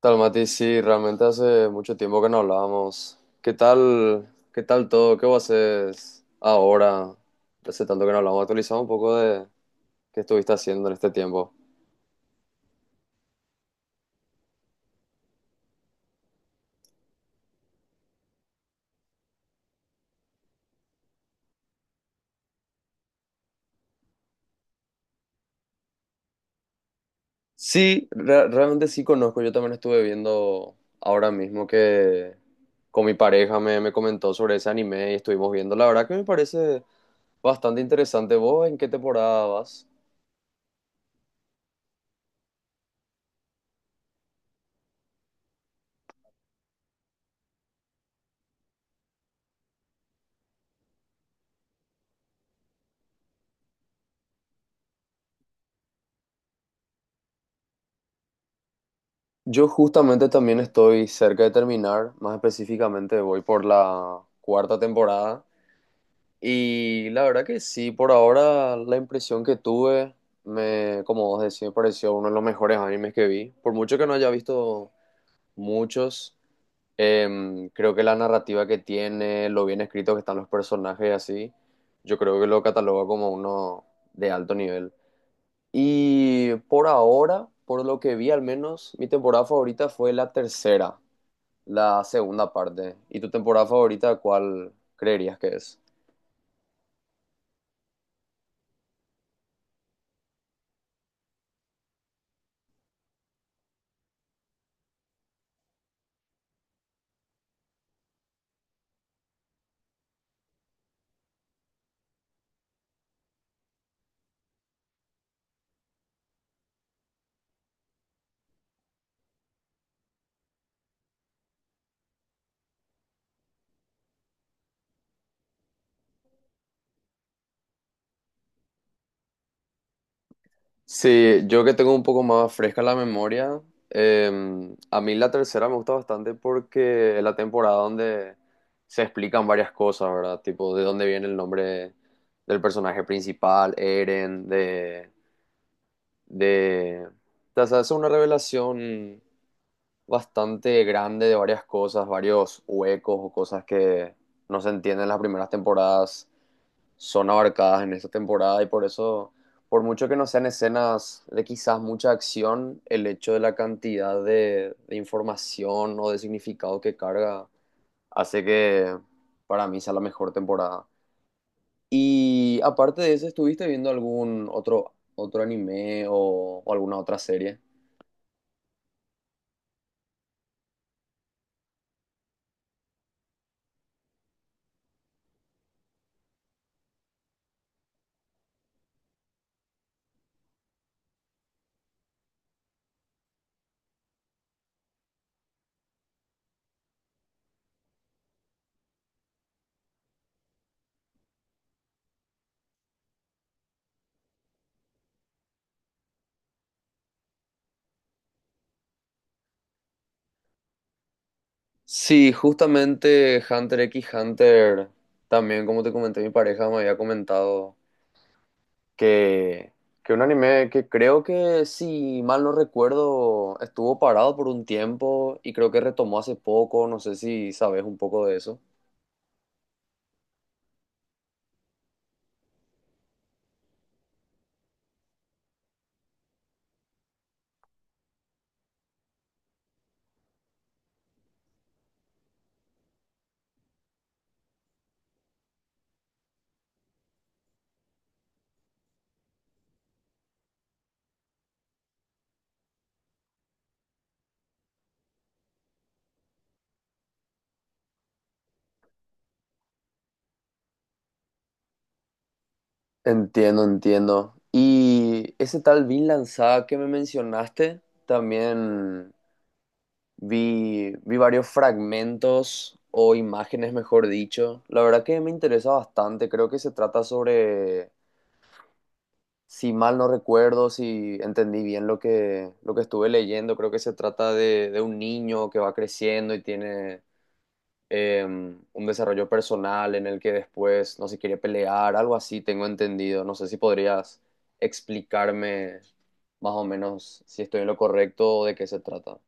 Tal Mati, sí, realmente hace mucho tiempo que no hablábamos. ¿Qué tal? ¿Qué tal todo? ¿Qué vos haces ahora? Hace tanto que no hablamos. Actualizado un poco de qué estuviste haciendo en este tiempo. Sí, realmente sí conozco. Yo también estuve viendo ahora mismo que con mi pareja me comentó sobre ese anime y estuvimos viendo. La verdad que me parece bastante interesante. ¿Vos en qué temporada vas? Yo justamente también estoy cerca de terminar, más específicamente voy por la cuarta temporada. Y la verdad que sí, por ahora la impresión que tuve, me, como vos decís, me pareció uno de los mejores animes que vi. Por mucho que no haya visto muchos, creo que la narrativa que tiene, lo bien escrito que están los personajes y así, yo creo que lo cataloga como uno de alto nivel. Y por ahora, por lo que vi al menos, mi temporada favorita fue la tercera, la segunda parte. ¿Y tu temporada favorita cuál creerías que es? Sí, yo que tengo un poco más fresca la memoria, eh, a mí la tercera me gusta bastante porque es la temporada donde se explican varias cosas, ¿verdad? Tipo, de dónde viene el nombre del personaje principal, Eren, de... O sea, es una revelación bastante grande de varias cosas, varios huecos o cosas que no se entienden en las primeras temporadas son abarcadas en esta temporada y por eso, por mucho que no sean escenas de quizás mucha acción, el hecho de la cantidad de información o de significado que carga hace que para mí sea la mejor temporada. Y aparte de eso, ¿estuviste viendo algún otro anime o alguna otra serie? Sí, justamente Hunter x Hunter, también como te comenté, mi pareja me había comentado que, que un anime que creo que, si mal no recuerdo, estuvo parado por un tiempo y creo que retomó hace poco, no sé si sabes un poco de eso. Entiendo, entiendo. Y ese tal Vinland Saga que me mencionaste, también vi varios fragmentos o imágenes, mejor dicho. La verdad que me interesa bastante, creo que se trata sobre, si mal no recuerdo, si entendí bien lo que estuve leyendo, creo que se trata de un niño que va creciendo y tiene, un desarrollo personal en el que después no se quiere pelear, algo así tengo entendido. No sé si podrías explicarme más o menos si estoy en lo correcto o de qué se trata.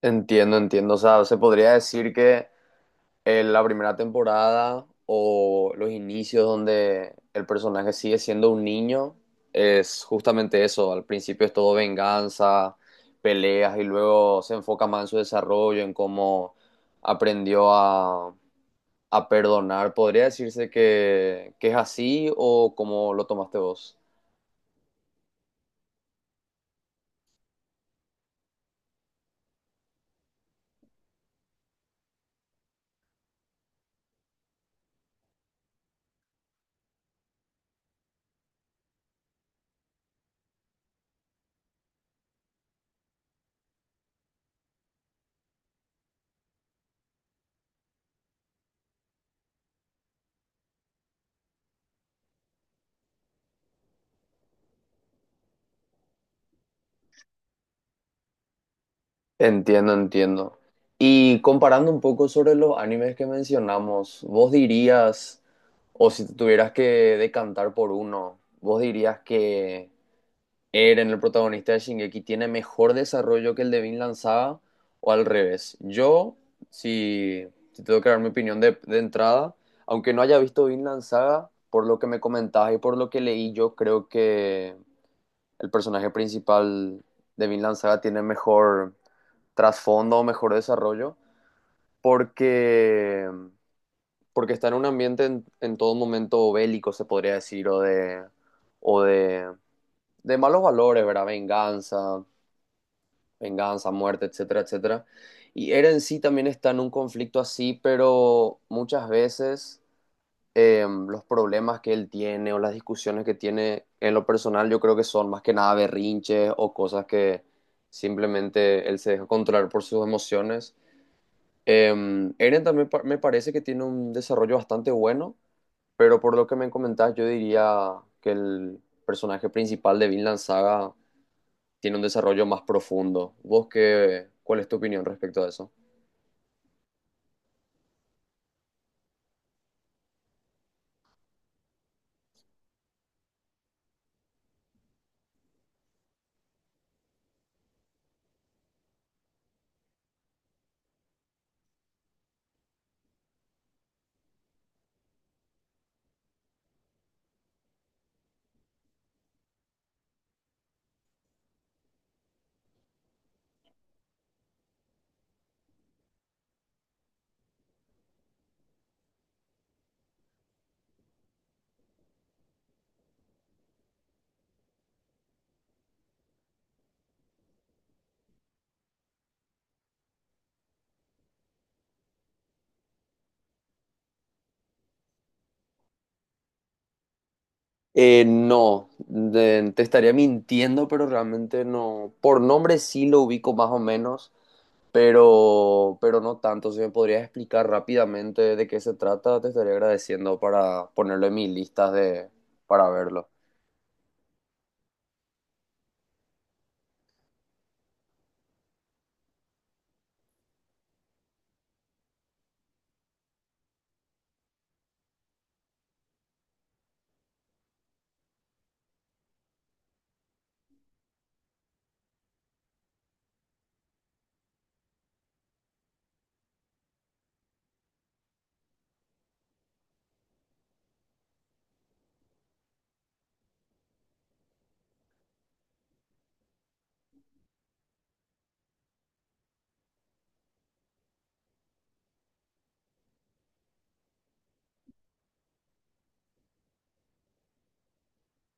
Entiendo, entiendo. O sea, se podría decir que la primera temporada o los inicios donde el personaje sigue siendo un niño es justamente eso. Al principio es todo venganza, peleas y luego se enfoca más en su desarrollo, en cómo aprendió a perdonar. ¿Podría decirse que es así o cómo lo tomaste vos? Entiendo, entiendo. Y comparando un poco sobre los animes que mencionamos, vos dirías, o si te tuvieras que decantar por uno, vos dirías que Eren, el protagonista de Shingeki, tiene mejor desarrollo que el de Vinland Saga, o al revés. Yo, si tengo que dar mi opinión de entrada, aunque no haya visto Vinland Saga, por lo que me comentabas y por lo que leí, yo creo que el personaje principal de Vinland Saga tiene mejor trasfondo, mejor desarrollo, porque, porque está en un ambiente en todo momento bélico, se podría decir, o de malos valores, ¿verdad? Venganza, venganza, muerte, etcétera, etcétera. Y Eren sí también está en un conflicto así, pero muchas veces los problemas que él tiene o las discusiones que tiene en lo personal, yo creo que son más que nada berrinches o cosas que simplemente él se deja controlar por sus emociones. Eren también me parece que tiene un desarrollo bastante bueno, pero por lo que me comentás, yo diría que el personaje principal de Vinland Saga tiene un desarrollo más profundo. ¿Vos qué, cuál es tu opinión respecto a eso? No, te estaría mintiendo, pero realmente no. Por nombre sí lo ubico más o menos, pero no tanto. Si me podrías explicar rápidamente de qué se trata, te estaría agradeciendo para ponerlo en mis listas de, para verlo.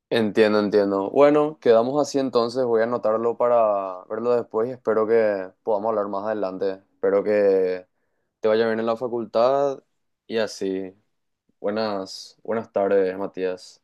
Entiendo, entiendo. Bueno, quedamos así entonces. Voy a anotarlo para verlo después y espero que podamos hablar más adelante. Espero que te vaya bien en la facultad y así. Buenas tardes, Matías.